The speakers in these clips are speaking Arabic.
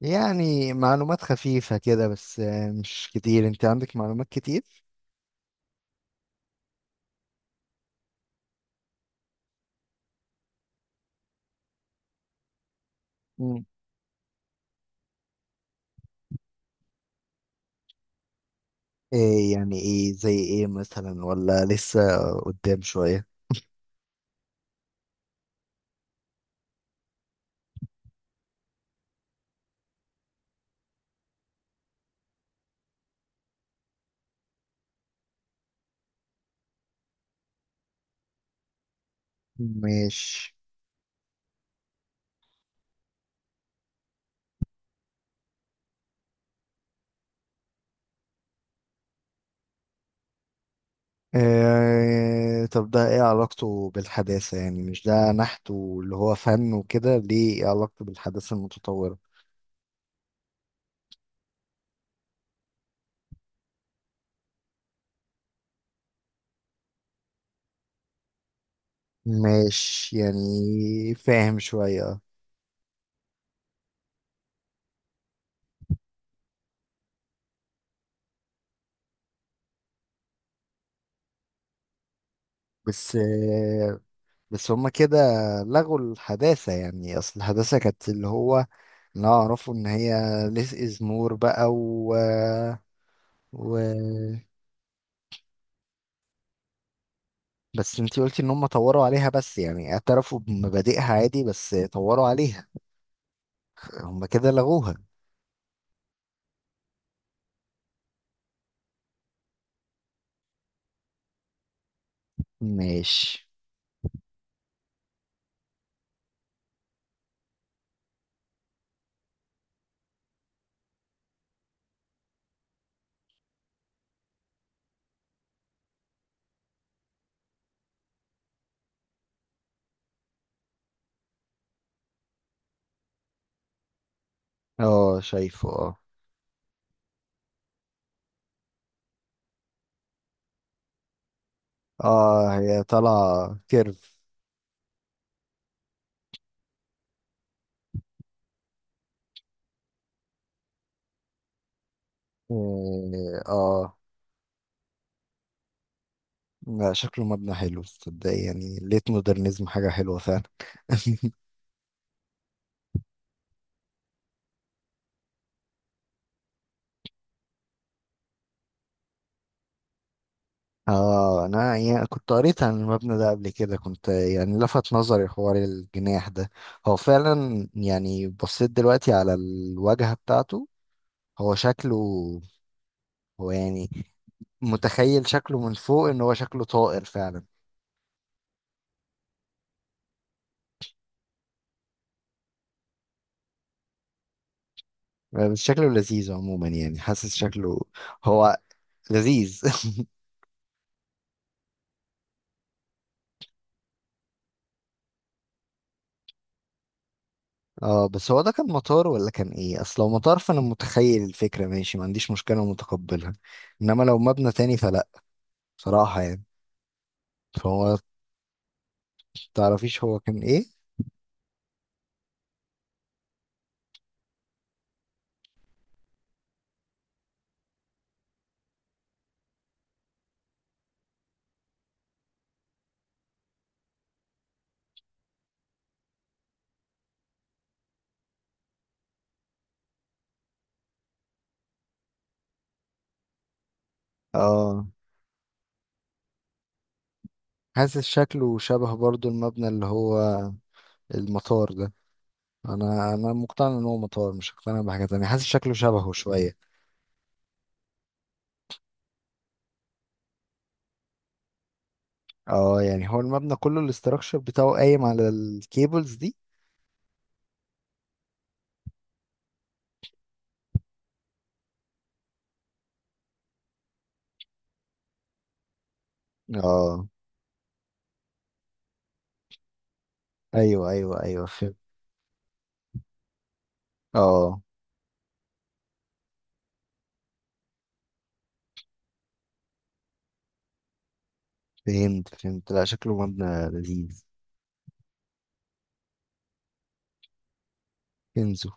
يعني معلومات خفيفة كده بس آه، مش كتير. انت عندك معلومات كتير. مم. ايه يعني ايه؟ زي ايه مثلا ولا لسه قدام شوية؟ ماشي. إيه؟ طب ده ايه علاقته بالحداثة؟ يعني مش ده نحت واللي هو فن وكده؟ ليه ايه علاقته بالحداثة المتطورة؟ ماشي يعني فاهم شوية. بس آه، بس هما كده لغوا الحداثة؟ يعني أصل الحداثة كانت اللي هو، لا اعرفه ان هي less is more بقى و... بس انتي قلتي ان هم طوروا عليها، بس يعني اعترفوا بمبادئها عادي بس طوروا عليها؟ هم كده لغوها. ماشي. اه شايفه اه. اه هي طالعة كيرف. اه آه. لا شكله مبنى حلو تصدقي، يعني ليت مودرنزم حاجة حلوة فعلا. اه، انا يعني كنت قريت عن المبنى ده قبل كده، كنت يعني لفت نظري حوار الجناح ده. هو فعلا يعني بصيت دلوقتي على الواجهة بتاعته. هو شكله، هو يعني متخيل شكله من فوق ان هو شكله طائر فعلا. بس شكله لذيذ عموما، يعني حاسس شكله هو لذيذ. اه بس هو ده كان مطار ولا كان ايه؟ اصل لو مطار فانا متخيل الفكرة، ماشي ما عنديش مشكلة ومتقبلها، انما لو مبنى تاني فلا، بصراحة يعني. فهو، تعرفيش هو كان ايه؟ اه حاسس شكله شبه برضو المبنى اللي هو المطار ده. انا انا مقتنع ان هو مطار، مش مقتنع بحاجه تانية، حاسس شكله شبهه شويه. اه يعني هو المبنى كله الاستراكشر بتاعه قايم على الكيبلز دي. اه ايوه ايوه ايوه فهمت. اه فهمت فهمت، لا شكله مبنى لذيذ. كنزو.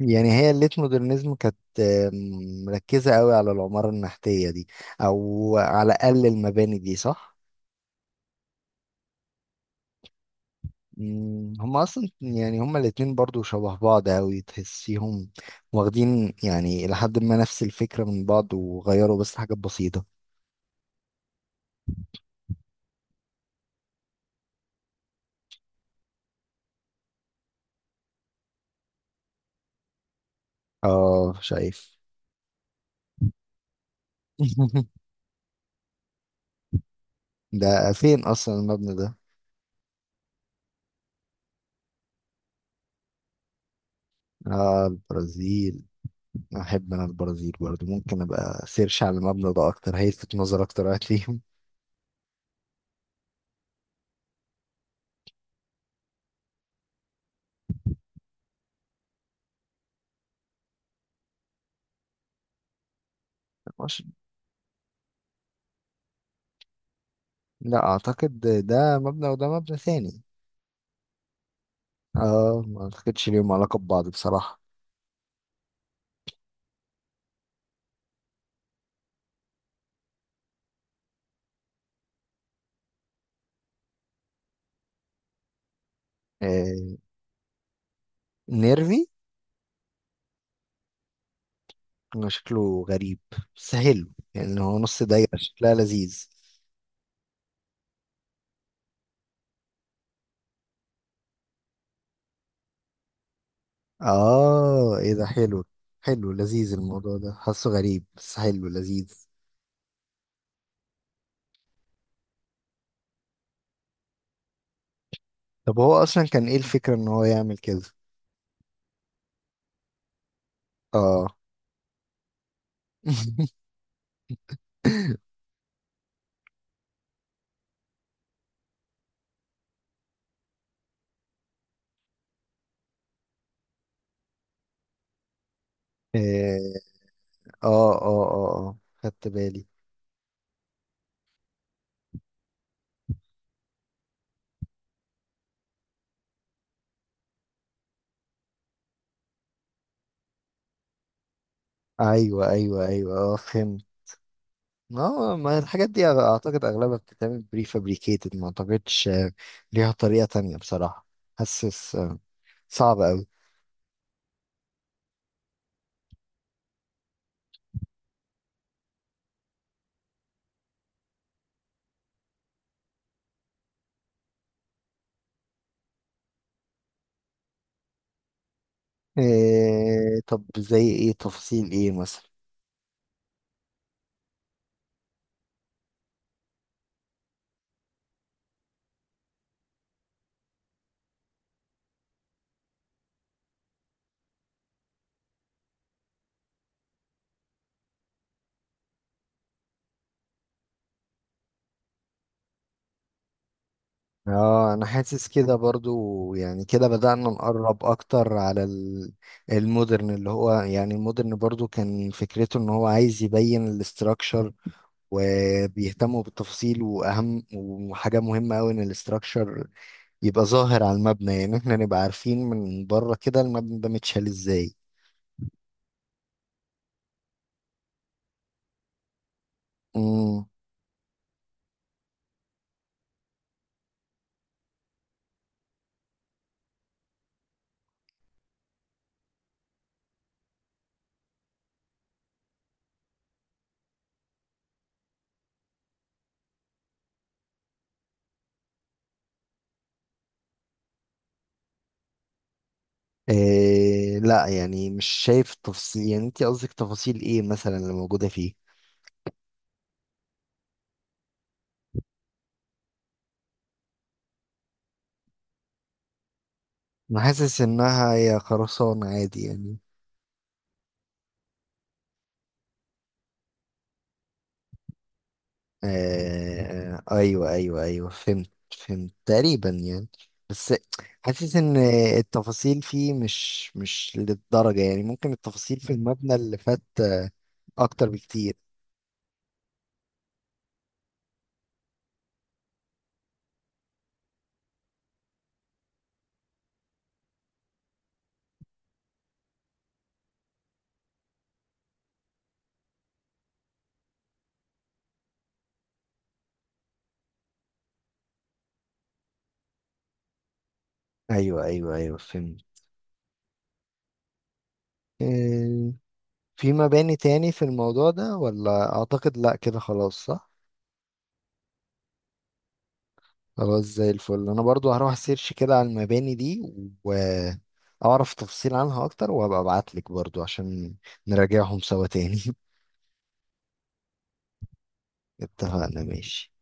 يعني هي الليت مودرنزم كانت مركزه قوي على العماره النحتيه دي، او على الاقل المباني دي، صح؟ مم، هما اصلا يعني هما الاتنين برضو شبه بعض اوي تحسيهم واخدين يعني لحد ما نفس الفكرة من بعض وغيروا بس حاجات بسيطة. اه شايف. ده فين اصلا المبنى ده؟ اه البرازيل. احب انا البرازيل برضو، ممكن ابقى سيرش على المبنى ده اكتر، هيلفت نظر اكتر هتلاقيهم. مش- لا اعتقد ده مبنى وده مبنى ثاني. اه ما اعتقدش ليهم علاقة ببعض بصراحة. آه نيرفي. هو شكله غريب بس حلو، يعني هو نص دايرة شكلها لذيذ. اه ايه ده حلو، حلو لذيذ الموضوع ده، حاسه غريب بس حلو لذيذ. طب هو اصلا كان ايه الفكرة ان هو يعمل كده؟ اه. إيه، اه اه اه اه خدت بالي. ايوه ايوه ايوه اه فهمت. ما الحاجات دي اعتقد اغلبها بتتعمل بري فابريكيتد، ما اعتقدش آه، ليها طريقة تانية بصراحة، حاسس آه، صعب أوي. إيه؟ طب زي ايه؟ تفصيل ايه مثلا؟ اه انا حاسس كده برضو، يعني كده بدأنا نقرب اكتر على المودرن، اللي هو يعني المودرن برضو كان فكرته ان هو عايز يبين الاستراكشر وبيهتموا بالتفاصيل، واهم وحاجة مهمة قوي ان الاستراكشر يبقى ظاهر على المبنى، يعني احنا نبقى عارفين من بره كده المبنى ده متشال ازاي. امم. إيه؟ لا يعني مش شايف التفاصيل، يعني انت قصدك تفاصيل ايه مثلا اللي موجودة فيه؟ انا حاسس انها هي خرسانة عادي يعني. آه ايوه ايوه ايوه فهمت. فهمت تقريبا يعني. بس حاسس ان التفاصيل فيه مش للدرجة، يعني ممكن التفاصيل في المبنى اللي فات آه، اكتر بكتير. ايوه ايوه ايوه فهمت. آه، في مباني تاني في الموضوع ده ولا اعتقد لا كده خلاص؟ خلاص زي الفل، انا برضو هروح سيرش كده على المباني دي واعرف تفاصيل عنها اكتر، وهبقى ابعتلك برضو عشان نراجعهم سوا تاني. اتفقنا ماشي.